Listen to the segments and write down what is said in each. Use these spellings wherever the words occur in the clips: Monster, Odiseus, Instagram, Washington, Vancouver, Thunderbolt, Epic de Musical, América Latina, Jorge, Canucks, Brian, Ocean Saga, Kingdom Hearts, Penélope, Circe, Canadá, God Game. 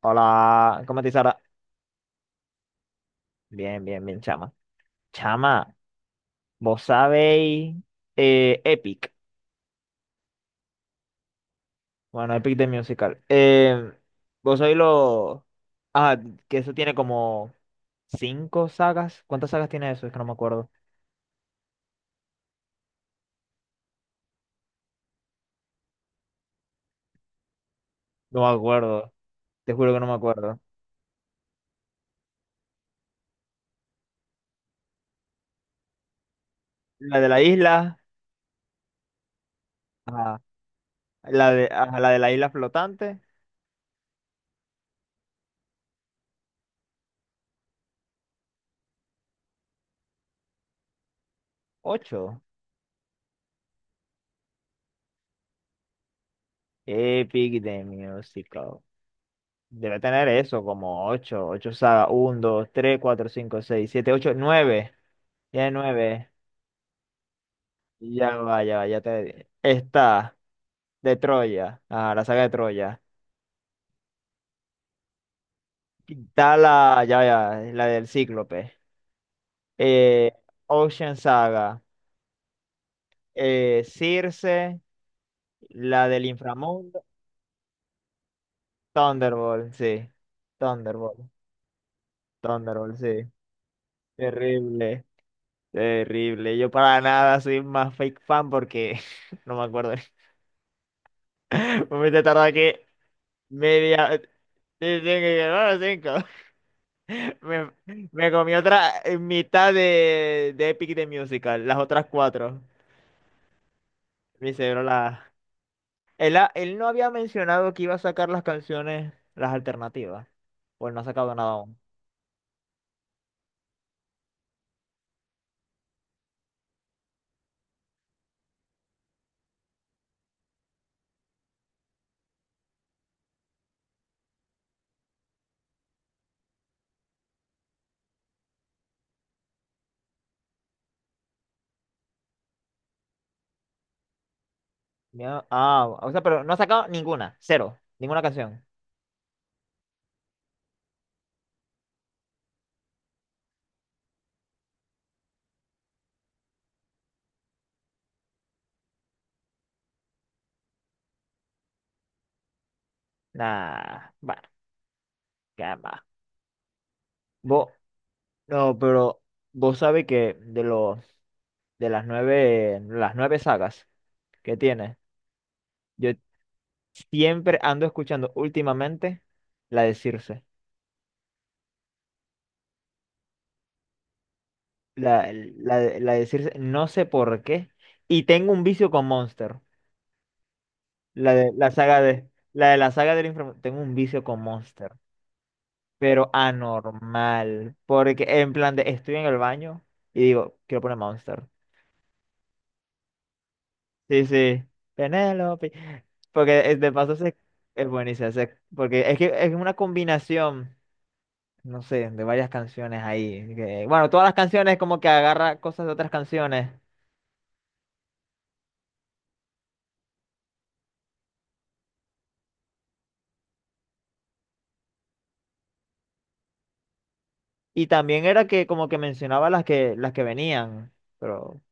Hola, ¿cómo te Sara? Bien, bien, bien, chama. Chama, vos sabéis Epic. Bueno, Epic de Musical. Vos sabéis lo. Ah, que eso tiene como cinco sagas. ¿Cuántas sagas tiene eso? Es que no me acuerdo. No me acuerdo. Te juro que no me acuerdo. La de la isla. Ajá. La de, ajá, la de la isla flotante. Ocho. Epic de Musical. Debe tener eso, como ocho. Ocho sagas. Uno, dos, tres, cuatro, cinco, seis, siete, ocho, nueve. Tiene nueve. Ya va, ya va, ya te... Está de Troya. Ah, la saga de Troya. Está la, ya, ya, la del Cíclope. Eh, Ocean Saga. Circe. La del inframundo. Thunderbolt, sí. Thunderbolt. Thunderbolt, sí. Terrible. Terrible. Yo para nada soy más fake fan porque no me acuerdo. Me he tardado aquí media... Sí, sí, bueno, cinco. Me, me comí otra mitad de Epic de Musical, las otras cuatro. Mi cerebro la... Él, él no había mencionado que iba a sacar las canciones, las alternativas. Pues no ha sacado nada aún. Ah, o sea, pero no ha sacado ninguna, cero, ninguna canción. Nah, bueno, qué va. Vos, no, pero vos sabés de las nueve sagas que tiene, yo siempre ando escuchando últimamente la de Circe. La, la de Circe, no sé por qué. Y tengo un vicio con Monster. La de la saga de la de la saga del inframundo. Tengo un vicio con Monster. Pero anormal. Porque en plan de estoy en el baño y digo, quiero poner Monster. Sí, sí. Penélope. Porque de paso es buenísimo. Porque es que es una combinación, no sé, de varias canciones ahí. Bueno, todas las canciones como que agarra cosas de otras canciones. Y también era que como que mencionaba las que venían, pero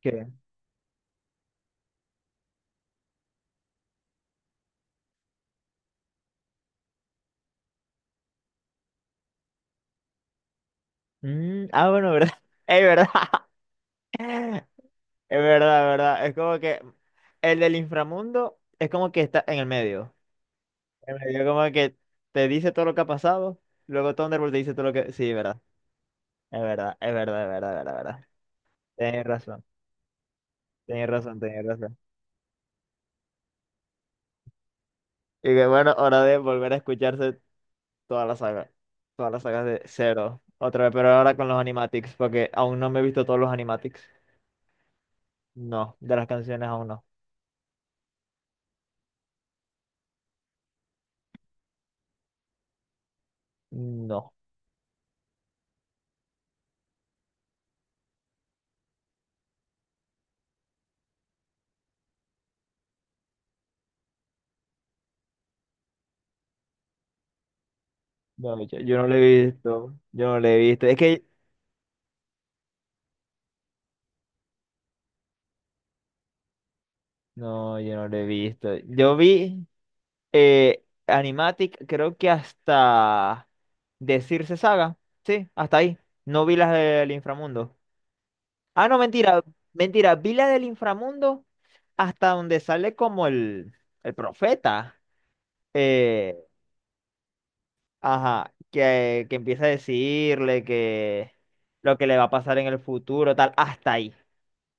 ¿qué? Mm, ah, bueno, ¿verdad? Es verdad. Es verdad, verdad. Es como que el del inframundo es como que está en el medio. En el medio como que te dice todo lo que ha pasado, luego Thunderbolt te dice todo lo que... Sí, verdad. Es verdad, es verdad, es verdad, es verdad, es verdad. Tenés razón, tenés razón, tenés razón. Y que bueno, hora de volver a escucharse toda la saga. Todas las sagas de cero. Otra vez, pero ahora con los animatics, porque aún no me he visto todos los animatics. No, de las canciones aún no. No. No, yo no lo he visto. Yo no lo he visto. Es que. No, yo no lo he visto. Yo vi animatic, creo que hasta decirse saga. Sí, hasta ahí. No vi las del inframundo. Ah, no, mentira. Mentira. Vi la del inframundo hasta donde sale como el profeta. Eh, Ajá, que empieza a decirle que lo que le va a pasar en el futuro, tal,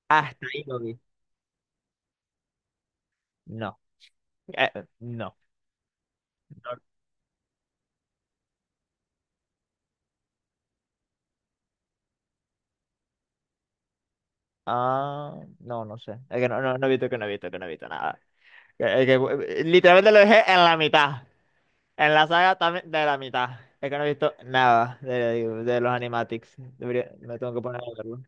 hasta ahí lo vi. No, eh, no, no, ah, no, no sé, es que no he visto que no he visto que no he visto nada. Eh, que, literalmente lo dejé en la mitad, en la saga también de la mitad. Es que no he visto nada de los animatics. Me tengo que poner a verlo.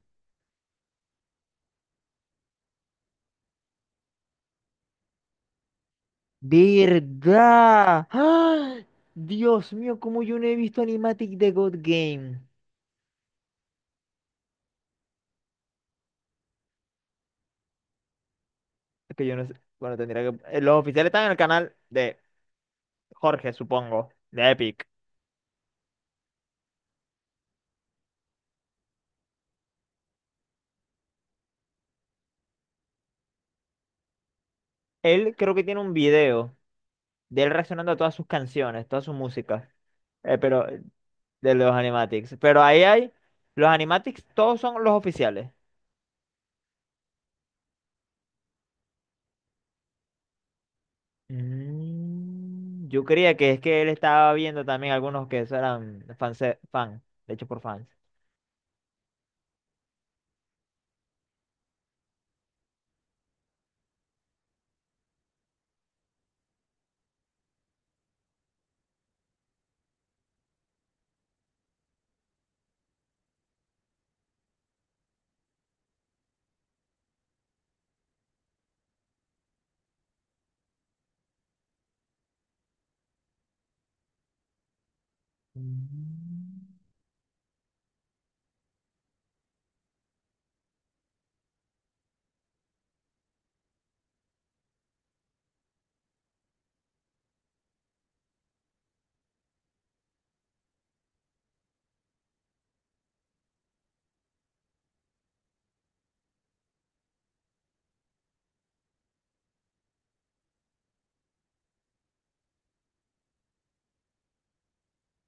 ¿Verdad? ¡Ah! Dios mío, cómo yo no he visto animatic de God Game. Es que yo no sé. Bueno, tendría que. Los oficiales están en el canal de Jorge, supongo, de Epic. Él creo que tiene un video de él reaccionando a todas sus canciones, todas sus músicas, eh, pero eh, de los animatics. Pero ahí hay, los animatics todos son los oficiales. Mm, yo creía que es que él estaba viendo también algunos que eso eran fans, fan, de hecho por fans. Mm.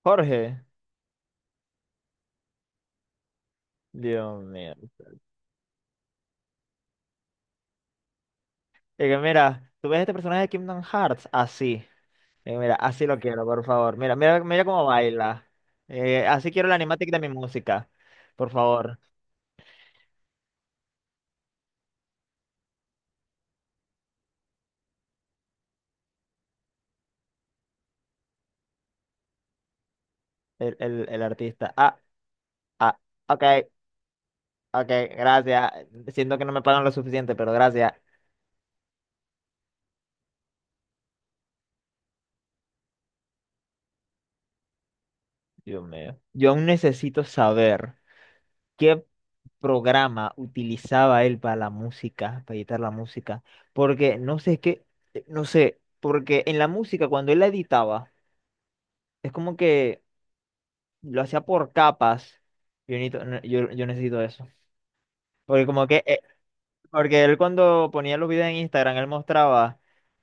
Jorge, Dios mío. Es que mira, tú ves este personaje de Kingdom Hearts así. Mira, así lo quiero, por favor. Mira, mira, mira cómo baila. Así quiero la animática de mi música, por favor, el artista. Ah, ah, ok, ok, gracias. Siento que no me pagan lo suficiente, pero gracias. Dios mío. Yo aún necesito saber qué programa utilizaba él para la música, para editar la música, porque no sé, es que, no sé, porque en la música cuando él la editaba, es como que lo hacía por capas. Yo necesito, yo necesito eso. Porque como que, porque él cuando ponía los videos en Instagram, él mostraba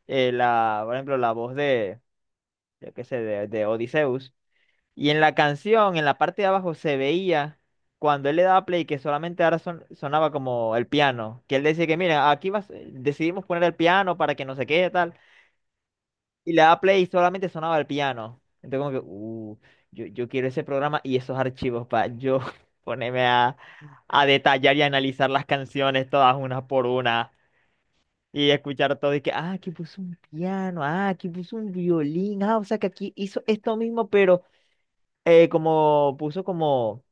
por ejemplo, la voz yo qué sé, de Odiseus. Y en la canción, en la parte de abajo, se veía cuando él le daba play que solamente ahora sonaba como el piano. Que él decía que, mira, aquí vas, decidimos poner el piano para que no se quede tal. Y le daba play y solamente sonaba el piano. Entonces como que, yo quiero ese programa y esos archivos para yo ponerme a detallar y analizar las canciones todas una por una. Y escuchar todo y que, ah, aquí puso un piano, ah, aquí puso un violín, ah, o sea que aquí hizo esto mismo, pero eh, como puso como,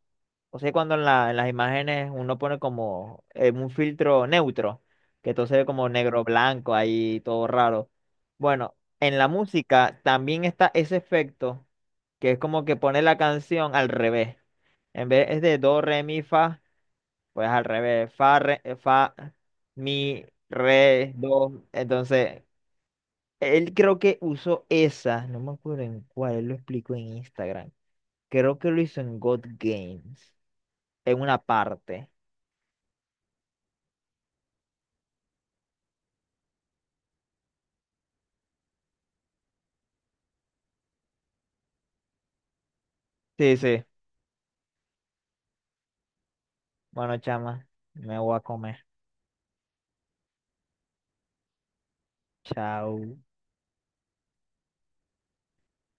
o sea, cuando en la, en las imágenes uno pone como un filtro neutro, que todo se ve como negro blanco ahí, todo raro. Bueno, en la música también está ese efecto, que es como que pone la canción al revés. En vez es de do, re, mi, fa. Pues al revés, fa, re, fa, mi, re, do. Entonces, él creo que usó esa, no me acuerdo en cuál, él lo explicó en Instagram. Creo que lo hizo en God Games, en una parte. Sí, sí. Bueno, chama, me voy a comer. Chao.